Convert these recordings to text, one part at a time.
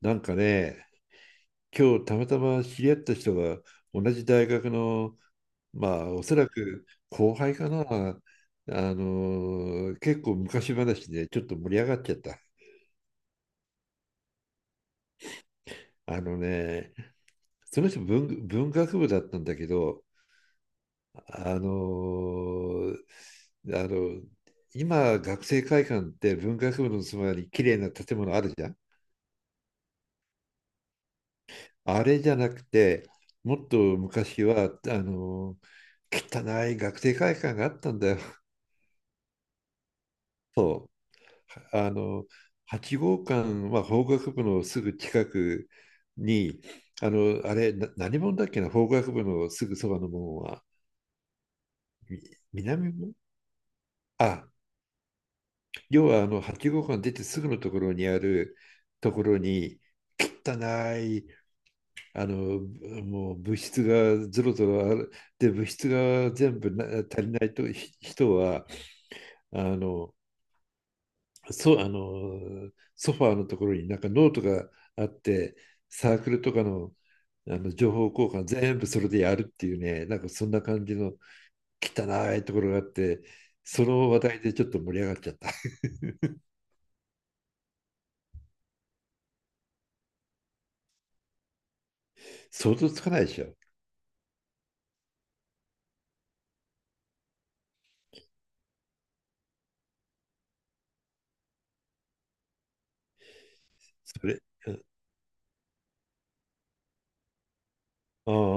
なんかね、今日たまたま知り合った人が同じ大学の、まあおそらく後輩かな、結構昔話でちょっと盛り上がっちゃった。あのね、その文学部だったんだけど、あのあの今学生会館って文学部のそばに綺麗な建物あるじゃん。あれじゃなくて、もっと昔はの汚い学生会館があったんだよ。そう、あの、8号館は法学部のすぐ近くに、あの、あれ、何門だっけな、法学部のすぐそばの門は、み南門。あ、要はあの、8号館出てすぐのところに、汚い、あの、もう物質がぞろぞろある、で、物質が全部足りないと人は、あの、そう、あの、ソファーのところになんかノートがあって、サークルとかの、あの情報交換全部それでやるっていうね、なんかそんな感じの汚いところがあって、その話題でちょっと盛り上がっちゃった。想像つかないでしょ。それ、うん。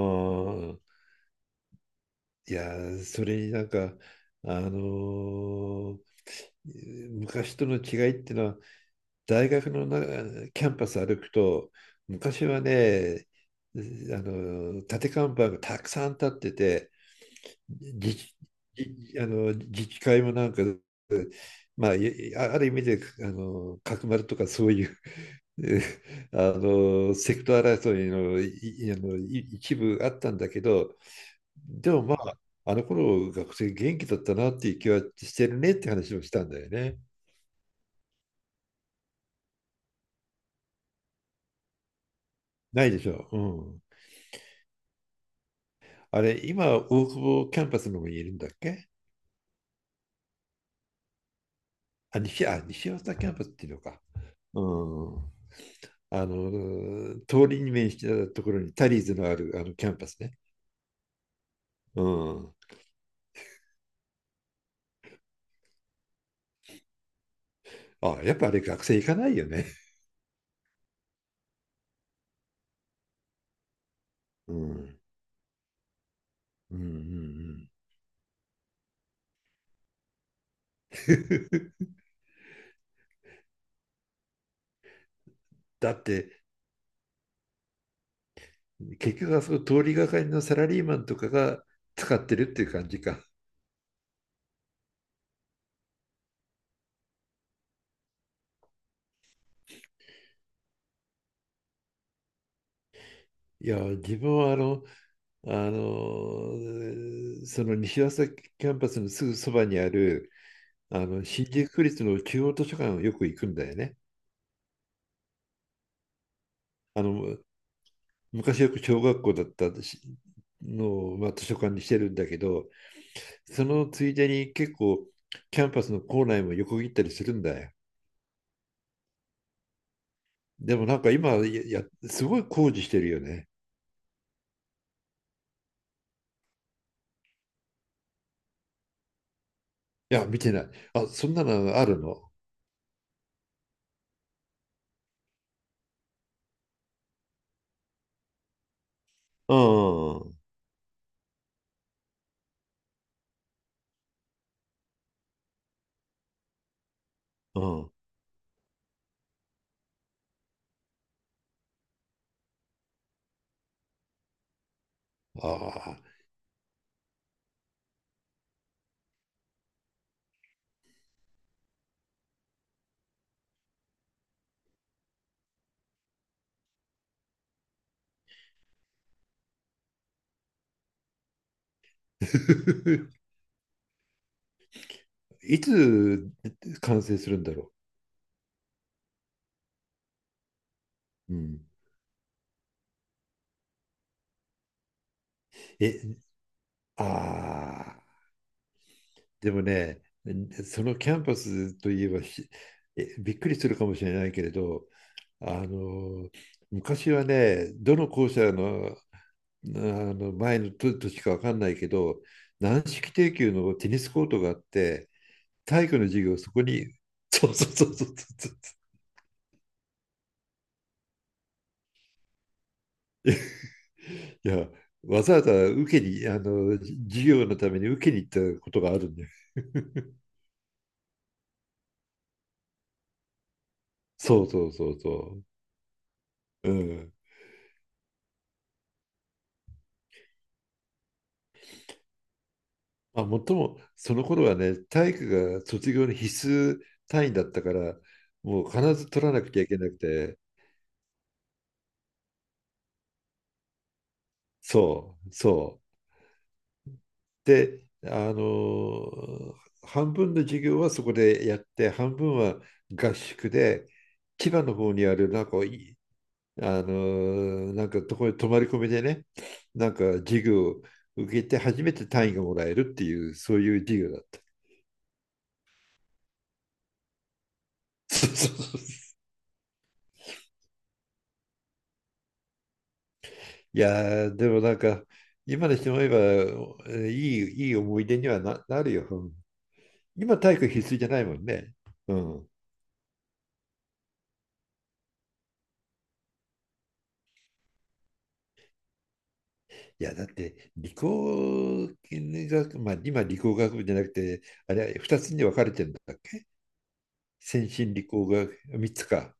ああ、いやー、それになんか、あのー昔との違いっていうのは、大学のなキャンパス歩くと、昔はね、あの立て看板がたくさん立ってて、自治じあの自治会もなんか、まあ、ある意味であの角丸とかそういう あのセクト争いのいあのい一部あったんだけど、でもまあ、あの頃学生元気だったなっていう気はしてるねって話をしたんだよね。ないでしょう。うん。あれ、今、大久保キャンパスの方にいるんだっけ？あ、西、あ、西大阪キャンパスっていうのか。うん。あの、通りに面したところにタリーズのあるあのキャンパスね。うん。あ、やっぱあれ学生行かないよね。うん。うん。だって、結局あそこ通りがかりのサラリーマンとかが使ってるっていう感じか。いや、自分はあの、あの、その西朝キャンパスのすぐそばにある、あの、新宿区立の中央図書館をよく行くんだよね。あの、昔よく小学校だったのを、まあ、図書館にしてるんだけど、そのついでに結構キャンパスの構内も横切ったりするんだよ。でもなんか今、いや、すごい工事してるよね。いや、見てない。あ、そんなのあるの？うん、うん。ああ。いつ完成するんだろう。うん、え、ああ、でもね、そのキャンパスといえば、びっくりするかもしれないけれど、あの、昔はね、どの校舎の、あの前のとしか分かんないけど、軟式定級のテニスコートがあって、体育の授業、そこに、そうそうそうそうそそう、いや、わざわざ受けに、あの、授業のために受けに行ったことがあるんだよ。そう。うん。まあ、もっとも、その頃はね、体育が卒業の必須単位だったから、もう必ず取らなくちゃいけなくて、そう。で、ー半分の授業はそこでやって、半分は合宿で、千葉の方にある、なんかいい、あのなんかとこに泊まり込みでね、なんか授業を受けて初めて単位がもらえるっていう、そういう授業だった。そう。いやー、でもなんか、今にして思えば、いい思い出にはなるよ。うん。今、体育必須じゃないもんね。うん。いや、だって、理工学、まあ、今、理工学部じゃなくて、あれ、2つに分かれてるんだっけ？先進理工学、3つか。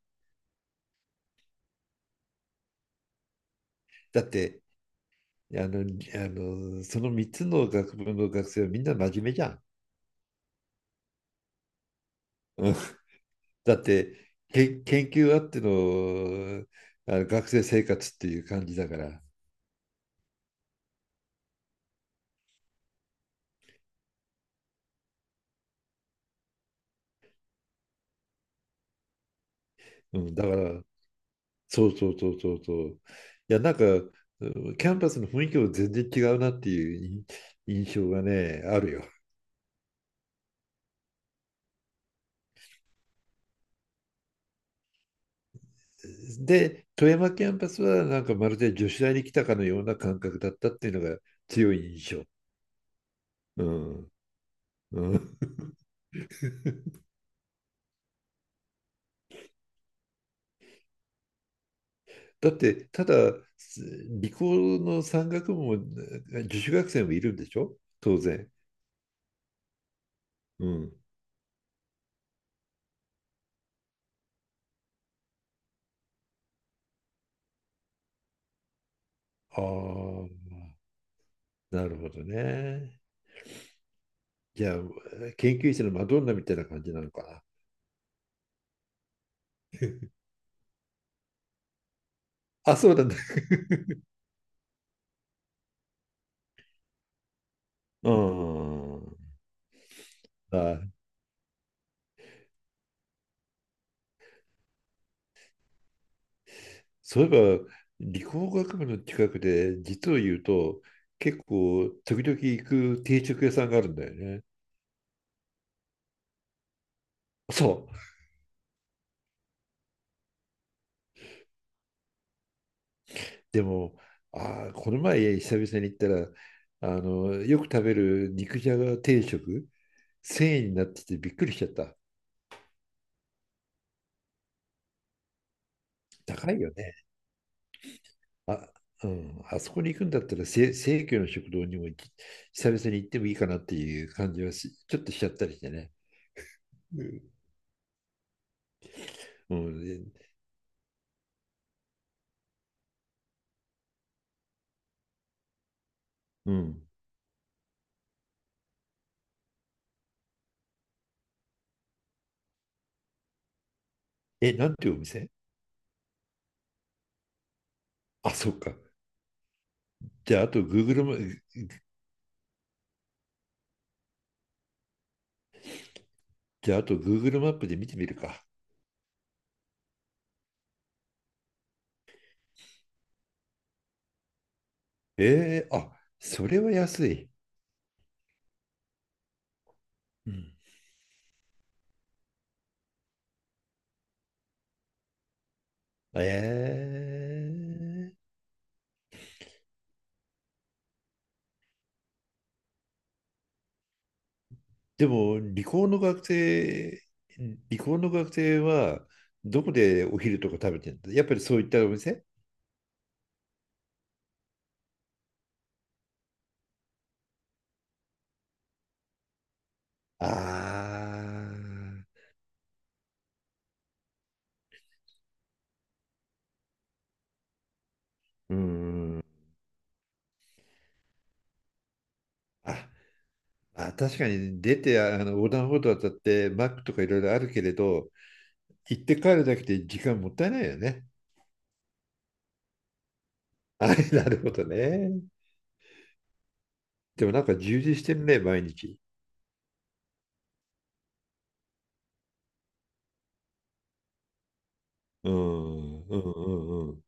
だって、あの、りあの、その3つの学部の学生はみんな真面目じゃん。うん。だって、研究あっての、あの学生生活っていう感じだから。うん、だからそう。いや、なんか、うん。キャンパスの雰囲気も全然違うなっていう印象がね、あるよ。で、富山キャンパスはなんかまるで女子大に来たかのような感覚だったっていうのが強い印象。うん。うん、だって、ただ、す理工の山岳部も女子学生もいるんでしょ当然。うん。ああ、なるほどね。じゃあ、研究室のマドンナみたいな感じなのかな。あ、そうなんだね。うん。あ、そういえば、理工学部の近くで、実を言うと、結構、時々行く定食屋さんがあるんだよね。そう。でも、あー、この前、久々に行ったら、あの、よく食べる肉じゃが定食、1 0円になっててびっくりしちゃった。高いよね。あ、うん。あそこに行くんだったら、生協の食堂にも久々に行ってもいいかなっていう感じはちょっとしちゃったりしてね。うん。うん。で、うん。え、なんていうお店？あ、そうか。じゃあ、あと Google マ、じゃあ、あと Google マップで見てみるか。えー、あ、それは安い。うん。えー、でも、理工の学生は、どこでお昼とか食べてるんだ？やっぱりそういったお店？ああー、うーん。あ、あ、確かに出て、あの、横断歩道渡って、マックとかいろいろあるけれど、行って帰るだけで時間もったいないよね。あれ、なるほどね。でもなんか充実してるね、毎日。うん、うん、ううん。